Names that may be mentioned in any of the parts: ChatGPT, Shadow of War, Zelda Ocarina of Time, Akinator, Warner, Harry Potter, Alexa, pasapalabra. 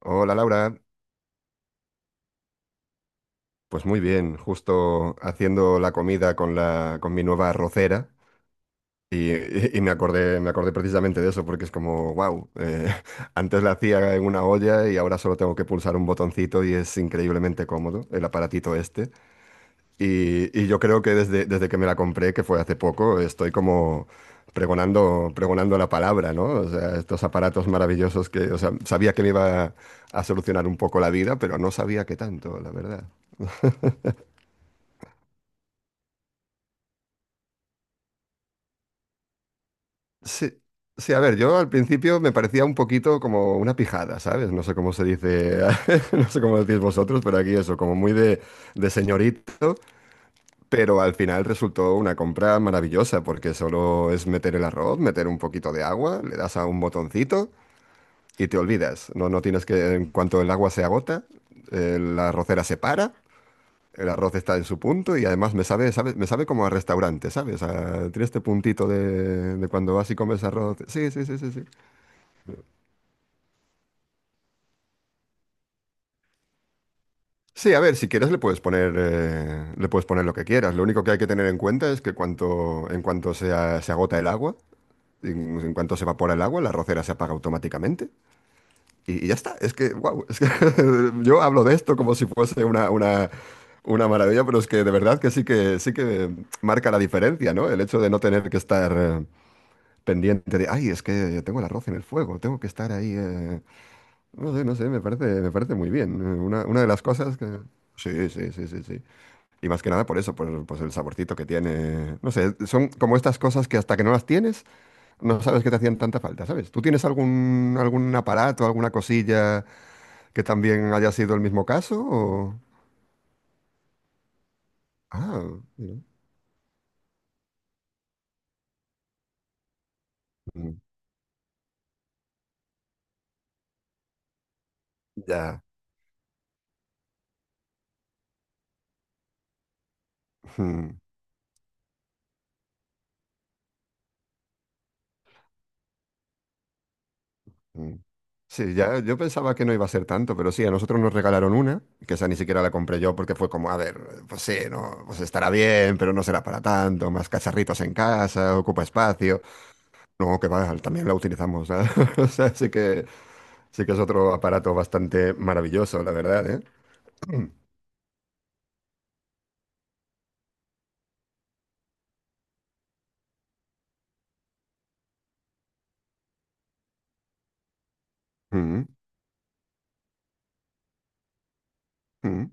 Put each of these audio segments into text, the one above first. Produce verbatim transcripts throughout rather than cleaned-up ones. Hola Laura, pues muy bien, justo haciendo la comida con la con mi nueva arrocera y, y- y me acordé me acordé precisamente de eso porque es como wow, antes la hacía en una olla y ahora solo tengo que pulsar un botoncito y es increíblemente cómodo el aparatito este y, y yo creo que desde desde que me la compré, que fue hace poco, estoy como pregonando pregonando la palabra, ¿no? O sea, estos aparatos maravillosos que, o sea, sabía que me iba a solucionar un poco la vida, pero no sabía qué tanto, la verdad. Sí, sí, a ver, yo al principio me parecía un poquito como una pijada, ¿sabes? No sé cómo se dice, no sé cómo decís vosotros, pero aquí eso, como muy de, de señorito, pero al final resultó una compra maravillosa porque solo es meter el arroz, meter un poquito de agua, le das a un botoncito y te olvidas. No, no tienes que, en cuanto el agua se agota, eh, la arrocera se para. El arroz está en su punto y además me sabe, sabe- me sabe como a restaurante, ¿sabes? A- tiene este puntito de, de cuando vas y comes arroz. Sí, sí, sí, sí, sí. Sí, a ver, si quieres le puedes poner, eh, le puedes poner lo que quieras. Lo único que hay que tener en cuenta es que cuanto, en cuanto se, a- se agota el agua, en, en cuanto se evapora el agua, la rocera se apaga automáticamente. Y, y ya está. Es que, wow, es que yo hablo de esto como si fuese una, una, una maravilla, pero es que de verdad que sí que sí que marca la diferencia, ¿no? El hecho de no tener que estar eh, pendiente de, ay, es que tengo el arroz en el fuego, tengo que estar ahí. eh". No sé, no sé, me parece, me parece muy bien. Eh, Una, una de las cosas que. Sí, sí, sí, sí, sí. Y más que nada por eso, por pues el saborcito que tiene. No sé, son como estas cosas que hasta que no las tienes, no sabes que te hacían tanta falta, ¿sabes? ¿Tú tienes algún, algún aparato, alguna cosilla que también haya sido el mismo caso? O- Ah, mira. Mm. Ya. Mm, mm. Sí, ya, yo pensaba que no iba a ser tanto, pero sí, a nosotros nos regalaron una, que esa ni siquiera la compré yo porque fue como, a ver, pues sí, no, pues estará bien, pero no será para tanto, más cacharritos en casa, ocupa espacio. No, que va, también la utilizamos, ¿eh? O sea, sí que, sí que es otro aparato bastante maravilloso, la verdad, ¿eh? Mm, mm.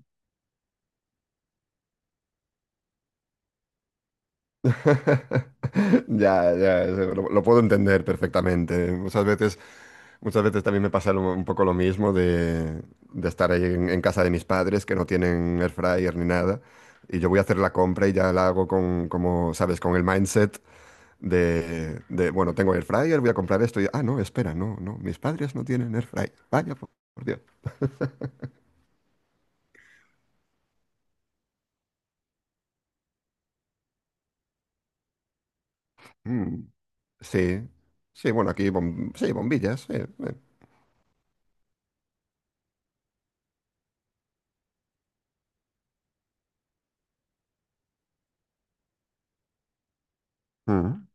Ya, ya, eso, lo, lo puedo entender perfectamente. Muchas veces, muchas veces también me pasa lo- un poco lo mismo de, de estar ahí en, en casa de mis padres que no tienen air fryer ni nada. Y yo voy a hacer la compra y ya la hago con, como, ¿sabes? Con el mindset De, de, bueno, tengo air fryer, voy a comprar esto y, ah, no, espera, no, no, mis padres no tienen air fryer. Vaya, por, por Dios. Mm, sí, sí, bueno, aquí, bom- sí, bombillas, sí. eh. Mm,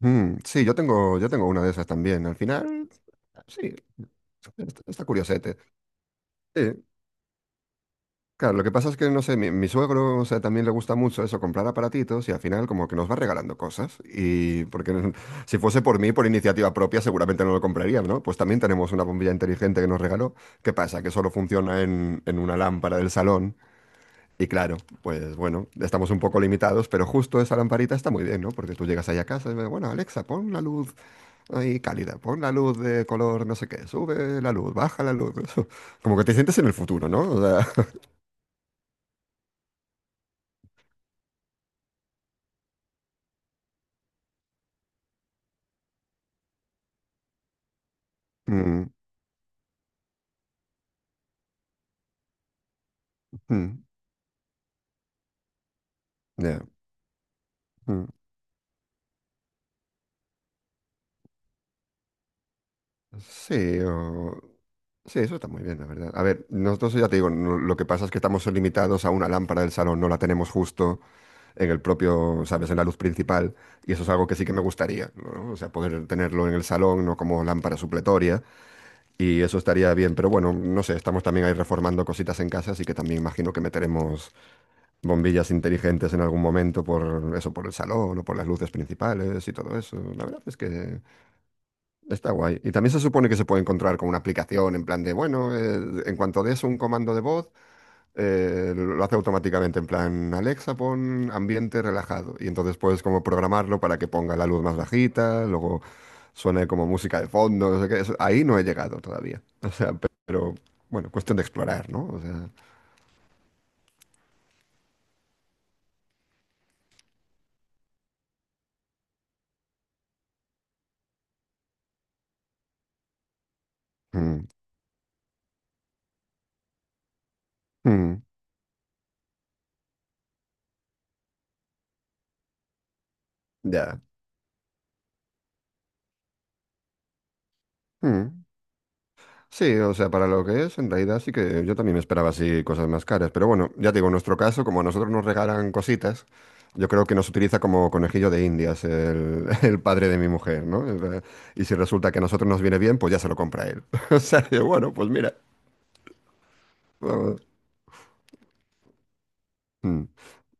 mm, sí, yo tengo, yo tengo una de esas también. Al final, sí, está, está curiosete. Sí. Claro, lo que pasa es que, no sé, mi, mi suegro, o sea, también le gusta mucho eso, comprar aparatitos y al final como que nos va regalando cosas. Y porque no- si fuese por mí, por iniciativa propia, seguramente no lo compraría, ¿no? Pues también tenemos una bombilla inteligente que nos regaló. ¿Qué pasa? Que solo funciona en, en una lámpara del salón. Y claro, pues bueno, estamos un poco limitados, pero justo esa lamparita está muy bien, ¿no? Porque tú llegas ahí a casa y ves, bueno, Alexa, pon la luz ahí cálida, pon la luz de color no sé qué, sube la luz, baja la luz. Como que te sientes en el futuro, ¿no? O sea, mm, mm. Ya. Mm. Sí, o- sí, eso está muy bien, la verdad. A ver, nosotros ya te digo, no- lo que pasa es que estamos limitados a una lámpara del salón, no la tenemos justo en el propio, ¿sabes?, en la luz principal, y eso es algo que sí que me gustaría, ¿no? O sea, poder tenerlo en el salón, no como lámpara supletoria, y eso estaría bien, pero bueno, no sé, estamos también ahí reformando cositas en casa, así que también imagino que meteremos bombillas inteligentes en algún momento por eso, por el salón o por las luces principales y todo eso. La verdad es que... Está guay. Y también se supone que se puede encontrar con una aplicación en plan de, bueno, eh, en cuanto des un comando de voz, eh, lo hace automáticamente en plan, Alexa, pon ambiente relajado. Y entonces puedes como programarlo para que ponga la luz más bajita, luego suene como música de fondo, no sé qué. Eso- ahí no he llegado todavía. O sea, pe- pero bueno, cuestión de explorar, ¿no? O sea, mm, mm, ya. Mm. Sí, o sea, para lo que es, en realidad sí que yo también me esperaba así cosas más caras. Pero bueno, ya te digo, en nuestro caso, como a nosotros nos regalan cositas, yo creo que nos utiliza como conejillo de Indias el, el padre de mi mujer, ¿no? Es la- Y si resulta que a nosotros nos viene bien, pues ya se lo compra él. O sea, que bueno, pues mira. Vamos. Mm.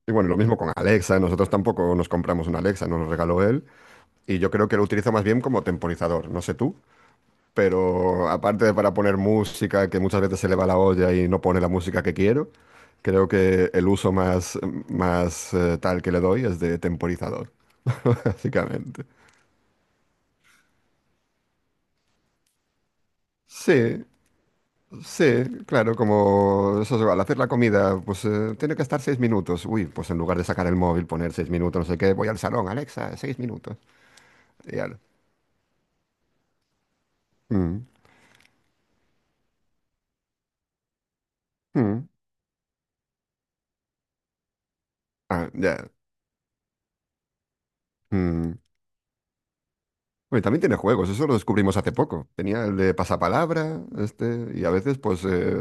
Y bueno, lo mismo con Alexa, nosotros tampoco nos compramos una Alexa, nos lo regaló él. Y yo creo que lo utiliza más bien como temporizador, no sé tú. Pero aparte de para poner música, que muchas veces se le va la olla y no pone la música que quiero, creo que el uso más, más eh, tal que le doy es de temporizador, básicamente. Sí, sí, claro, como eso, es, al hacer la comida, pues eh, tiene que estar seis minutos. Uy, pues en lugar de sacar el móvil, poner seis minutos, no sé qué, voy al salón, Alexa, seis minutos. Y ya. Mm, mm. Ah, ya. Mm. Bueno, y también tiene juegos, eso lo descubrimos hace poco. Tenía el de pasapalabra, este, y a veces, pues, eh,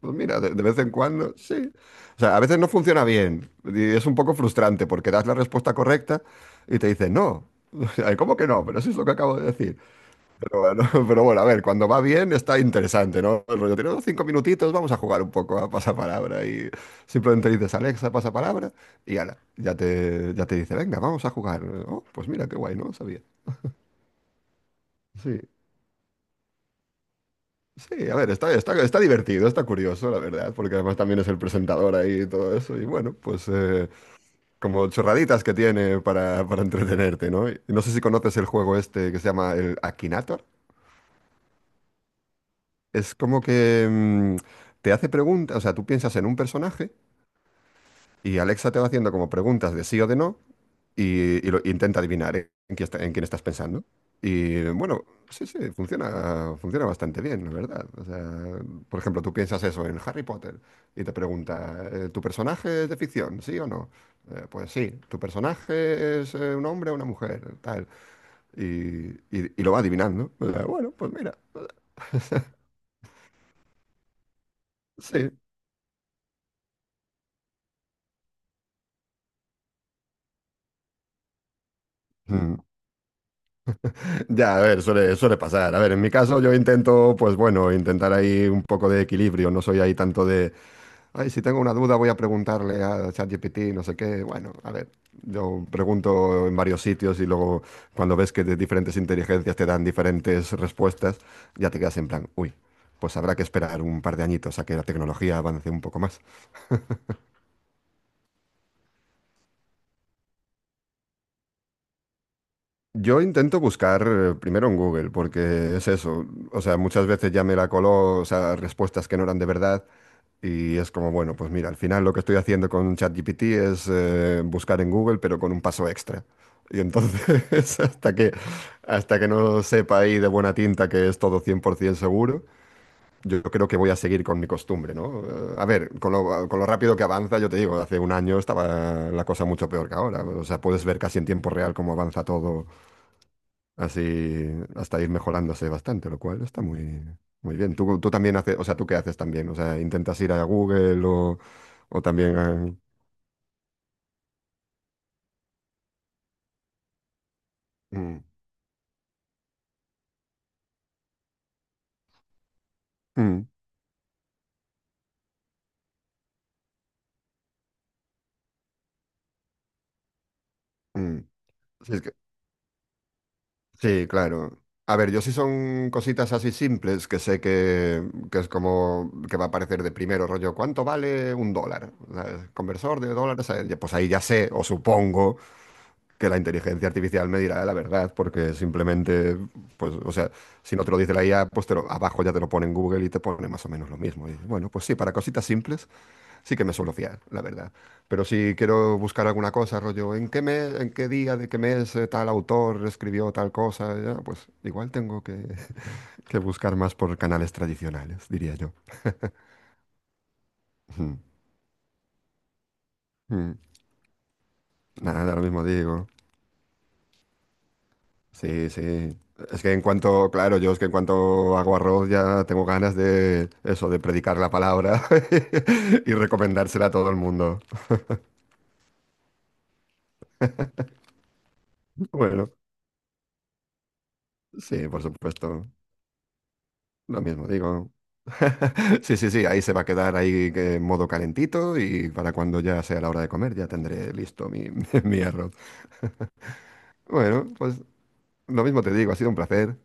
pues mira, de, de vez en cuando, sí. O sea, a veces no funciona bien y es un poco frustrante porque das la respuesta correcta y te dicen no. Ay, ¿cómo que no? Pero eso es lo que acabo de decir. Pero bueno, pero bueno, a ver, cuando va bien está interesante, ¿no? El rollo, tenemos cinco minutitos, vamos a jugar un poco a pasapalabra y simplemente dices, Alexa, pasapalabra, y ala, ya te, ya te dice, venga, vamos a jugar. Oh, pues mira, qué guay, no lo sabía. Sí. Sí, a ver, está, está, está divertido, está curioso, la verdad, porque además también es el presentador ahí y todo eso. Y bueno, pues eh, como chorraditas que tiene para, para entretenerte, ¿no? Y no sé si conoces el juego este que se llama el Akinator. Es como que mm, te hace preguntas, o sea, tú piensas en un personaje y Alexa te va haciendo como preguntas de sí o de no. Y, y lo- intenta adivinar eh, en quién está- en quién estás pensando. Y bueno, sí, sí, funciona, funciona bastante bien, la verdad. O sea, por ejemplo, tú piensas eso en Harry Potter y te pregunta, eh, ¿tu personaje es de ficción, sí o no? Eh, pues sí, ¿tu personaje es eh, un hombre o una mujer? Tal. Y, y- y lo va adivinando. O sea, bueno, pues mira. Sí. Mm. Ya, a ver, suele, suele pasar. A ver, en mi caso yo intento, pues bueno, intentar ahí un poco de equilibrio. No soy ahí tanto ay, si tengo una duda voy a preguntarle a ChatGPT, no sé qué. Bueno, a ver, yo pregunto en varios sitios y luego cuando ves que de diferentes inteligencias te dan diferentes respuestas, ya te quedas en plan, uy, pues habrá que esperar un par de añitos a que la tecnología avance un poco más. Yo intento buscar eh, primero en Google, porque es eso, o sea, muchas veces ya me la coló, o sea, respuestas que no eran de verdad. Y es como, bueno, pues mira, al final lo que estoy haciendo con ChatGPT es eh, buscar en Google, pero con un paso extra. Y entonces, hasta que, hasta que no sepa ahí de buena tinta que es todo cien por ciento seguro, yo creo que voy a seguir con mi costumbre, ¿no? Eh, a ver, con lo, con lo rápido que avanza, yo te digo, hace un año estaba la cosa mucho peor que ahora. O sea, puedes ver casi en tiempo real cómo avanza todo. Así hasta ir mejorándose bastante, lo cual está muy, muy bien. Tú, tú también haces, o sea, ¿tú qué haces también? O sea, ¿intentas ir a Google o, o también a... Mm, mm, mm. Sí, es que- sí, claro. A ver, yo sí son cositas así simples que sé que, que es como que va a aparecer de primero, rollo, ¿cuánto vale un dólar? O conversor de dólares, a- pues ahí ya sé, o supongo, que la inteligencia artificial me dirá la verdad, porque simplemente, pues, o sea, si no te lo dice la I A, pues te lo- abajo ya te lo pone en Google y te pone más o menos lo mismo. Y bueno, pues sí, para cositas simples sí que me suelo fiar, la verdad. Pero si quiero buscar alguna cosa, rollo, ¿en qué mes, en qué día de qué mes eh, tal autor escribió tal cosa? Ya, pues igual tengo que, que buscar más por canales tradicionales, diría yo. Ujú. Mm. Nada, lo mismo digo. Sí, sí. Es que en cuanto, claro, yo es que en cuanto hago arroz ya tengo ganas de eso, de predicar la palabra y recomendársela a todo el mundo. Bueno, sí, por supuesto. Lo mismo digo. Sí, sí, sí, ahí se va a quedar ahí que en modo calentito y para cuando ya sea la hora de comer ya tendré listo mi, mi arroz. Bueno, pues lo mismo te digo, ha sido un placer.